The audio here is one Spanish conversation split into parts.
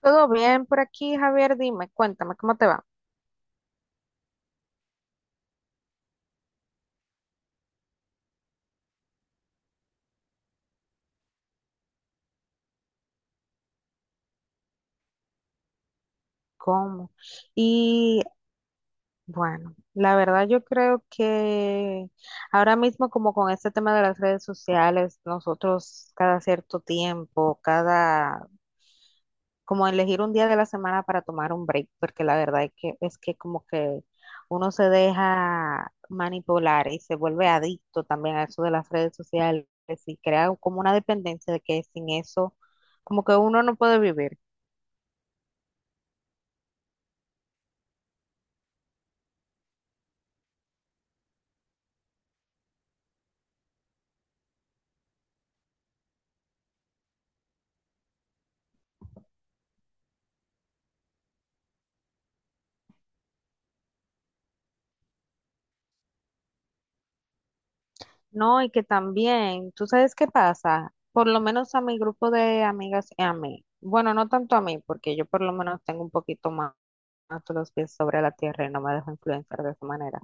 Todo bien por aquí, Javier, dime, cuéntame, ¿cómo te va? ¿Cómo? Y bueno, la verdad yo creo que ahora mismo como con este tema de las redes sociales, nosotros cada cierto tiempo, cada, como elegir un día de la semana para tomar un break, porque la verdad es que como que uno se deja manipular y se vuelve adicto también a eso de las redes sociales y crea como una dependencia de que sin eso, como que uno no puede vivir. No, y que también, ¿tú sabes qué pasa? Por lo menos a mi grupo de amigas y a mí. Bueno, no tanto a mí, porque yo por lo menos tengo un poquito más, los pies sobre la tierra y no me dejo influenciar de esa manera.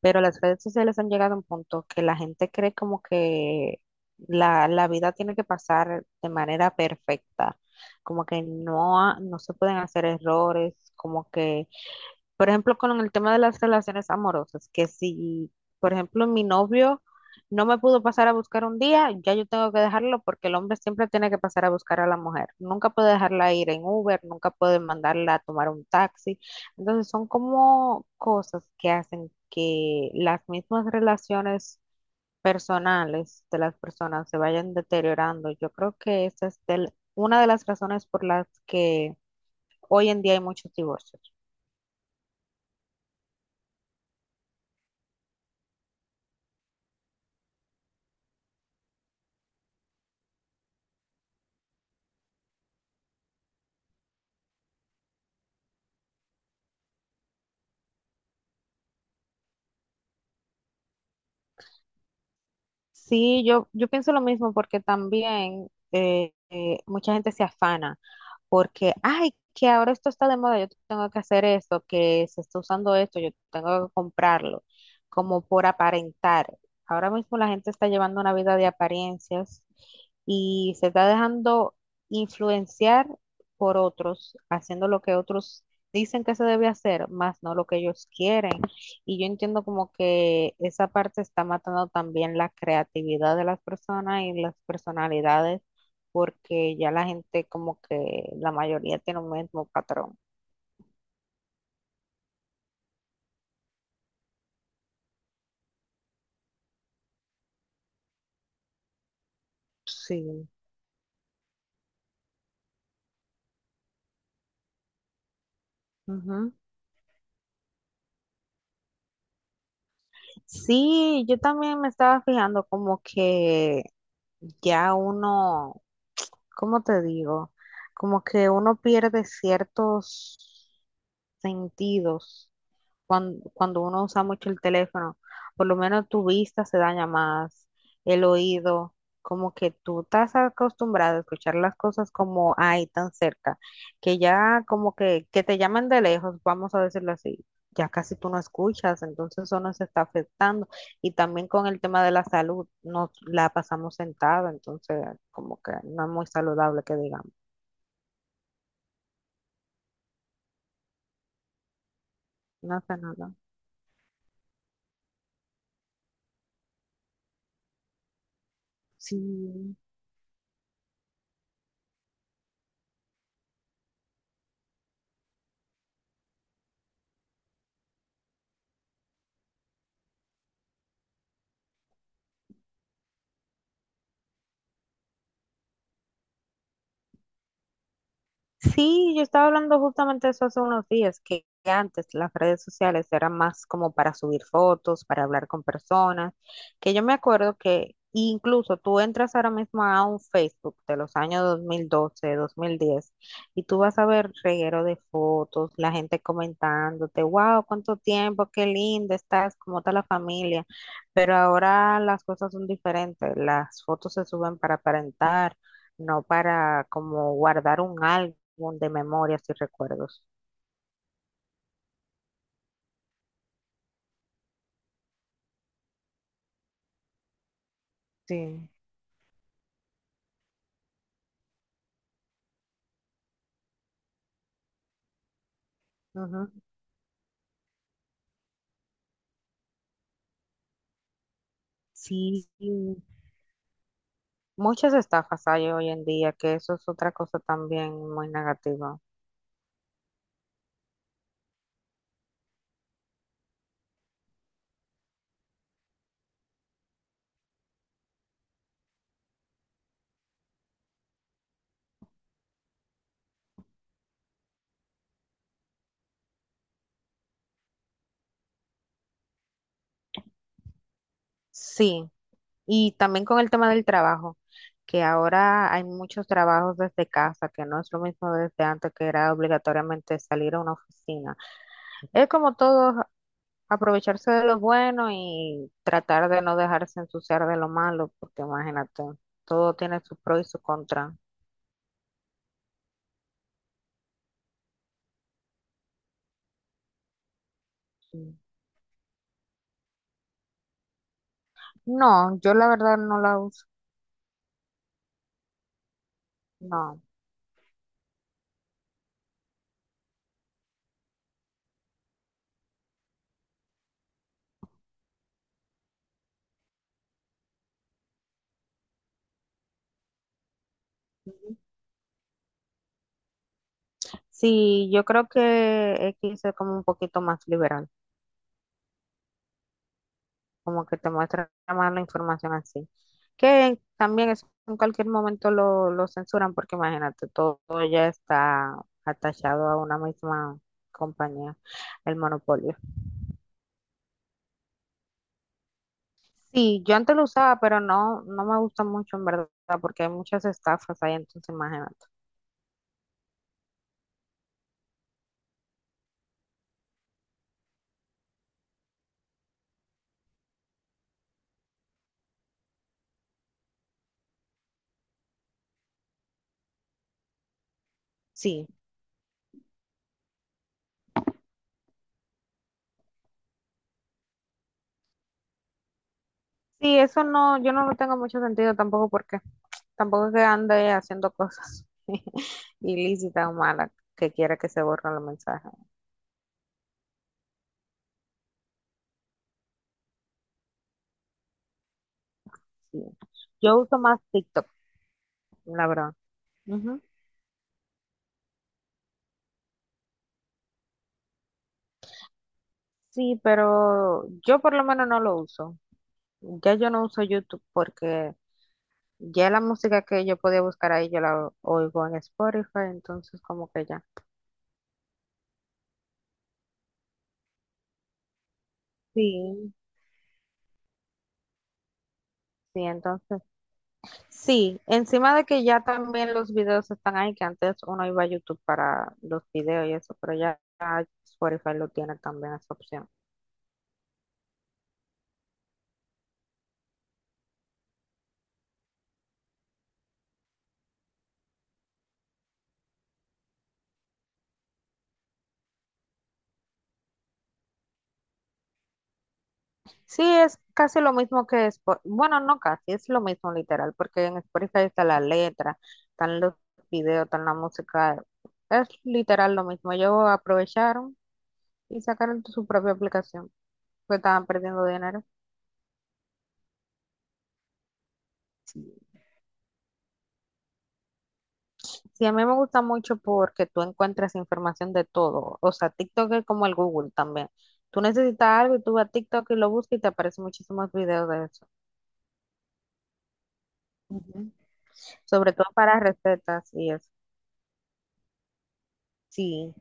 Pero las redes sociales han llegado a un punto que la gente cree como que la vida tiene que pasar de manera perfecta, como que no, no se pueden hacer errores, como que por ejemplo, con el tema de las relaciones amorosas, que si, por ejemplo, mi novio no me pudo pasar a buscar un día, ya yo tengo que dejarlo porque el hombre siempre tiene que pasar a buscar a la mujer. Nunca puede dejarla ir en Uber, nunca puede mandarla a tomar un taxi. Entonces son como cosas que hacen que las mismas relaciones personales de las personas se vayan deteriorando. Yo creo que esa es una de las razones por las que hoy en día hay muchos divorcios. Sí, yo pienso lo mismo porque también mucha gente se afana porque, ay, que ahora esto está de moda, yo tengo que hacer esto, que se está usando esto, yo tengo que comprarlo, como por aparentar. Ahora mismo la gente está llevando una vida de apariencias y se está dejando influenciar por otros, haciendo lo que otros dicen que se debe hacer, más no lo que ellos quieren. Y yo entiendo como que esa parte está matando también la creatividad de las personas y las personalidades porque ya la gente como que la mayoría tiene un mismo patrón. Sí. Ujú. Sí, yo también me estaba fijando como que ya uno, ¿cómo te digo? Como que uno pierde ciertos sentidos uno usa mucho el teléfono, por lo menos tu vista se daña más, el oído, como que tú estás acostumbrado a escuchar las cosas como ahí tan cerca, que ya como que te llaman de lejos, vamos a decirlo así. Ya casi tú no escuchas, entonces eso nos está afectando. Y también con el tema de la salud, nos la pasamos sentada, entonces como que no es muy saludable que digamos. No hace nada. Sí. Sí, yo estaba hablando justamente de eso hace unos días, que antes las redes sociales eran más como para subir fotos, para hablar con personas, que yo me acuerdo que incluso tú entras ahora mismo a un Facebook de los años 2012, 2010, y tú vas a ver reguero de fotos, la gente comentándote, wow, cuánto tiempo, qué linda estás, cómo está la familia, pero ahora las cosas son diferentes, las fotos se suben para aparentar. No para como guardar un algo álbum de memorias y recuerdos. Sí. Ujú. Sí, muchas estafas hay hoy en día, que eso es otra cosa también muy negativa. Sí, y también con el tema del trabajo, que ahora hay muchos trabajos desde casa, que no es lo mismo desde antes que era obligatoriamente salir a una oficina. Es como todo, aprovecharse de lo bueno y tratar de no dejarse ensuciar de lo malo, porque imagínate, todo tiene su pro y su contra. No, yo la verdad no la uso. No. Ujú. Sí, yo creo que X es como un poquito más liberal, como que te muestra más la información así. Que también es, en cualquier momento lo censuran porque imagínate, todo, ya está atachado a una misma compañía, el monopolio. Sí, yo antes lo usaba, pero no me gusta mucho en verdad porque hay muchas estafas ahí, entonces imagínate. Sí. Sí, eso no, yo no lo tengo mucho sentido tampoco porque tampoco es que ande haciendo cosas ilícitas o malas que quiera que se borren los mensajes. Sí. Yo uso más TikTok, la verdad. Ujú. Sí, pero yo por lo menos no lo uso. Ya yo no uso YouTube porque ya la música que yo podía buscar ahí yo la oigo en Spotify, entonces como que ya. Sí. Sí, entonces sí, encima de que ya también los videos están ahí, que antes uno iba a YouTube para los videos y eso, pero ya Spotify lo tiene también esa opción. Sí, es casi lo mismo que Spotify, bueno, no casi, es lo mismo literal, porque en Spotify está la letra, están los videos, están la música, es literal lo mismo. Ellos aprovecharon y sacaron su propia aplicación, porque estaban perdiendo dinero. Sí, a mí me gusta mucho porque tú encuentras información de todo. O sea, TikTok es como el Google también. Tú necesitas algo y tú vas a TikTok y lo buscas y te aparecen muchísimos videos de eso. Ujú. Sobre todo para recetas y eso. Sí,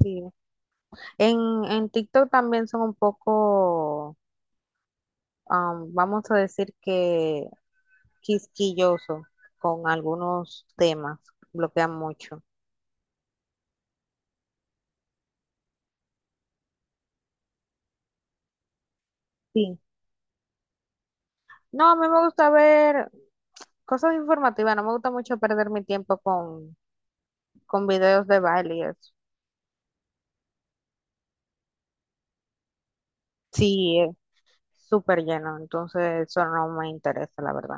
sí. En TikTok también son un poco, vamos a decir que quisquilloso con algunos temas. Bloquean mucho. Sí. No, a mí me gusta ver cosas informativas. No me gusta mucho perder mi tiempo con videos de baile y eso. Sí, es súper lleno, entonces eso no me interesa, la verdad.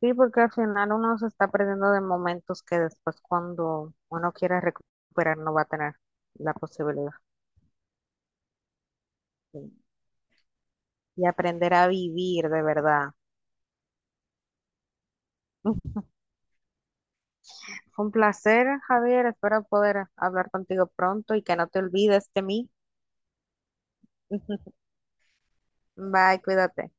Sí, porque al final uno se está perdiendo de momentos que después cuando uno quiera recuperar no va a tener la posibilidad. Y y aprender a vivir de verdad. Fue un placer, Javier. Espero poder hablar contigo pronto y que no te olvides de mí. Bye, cuídate.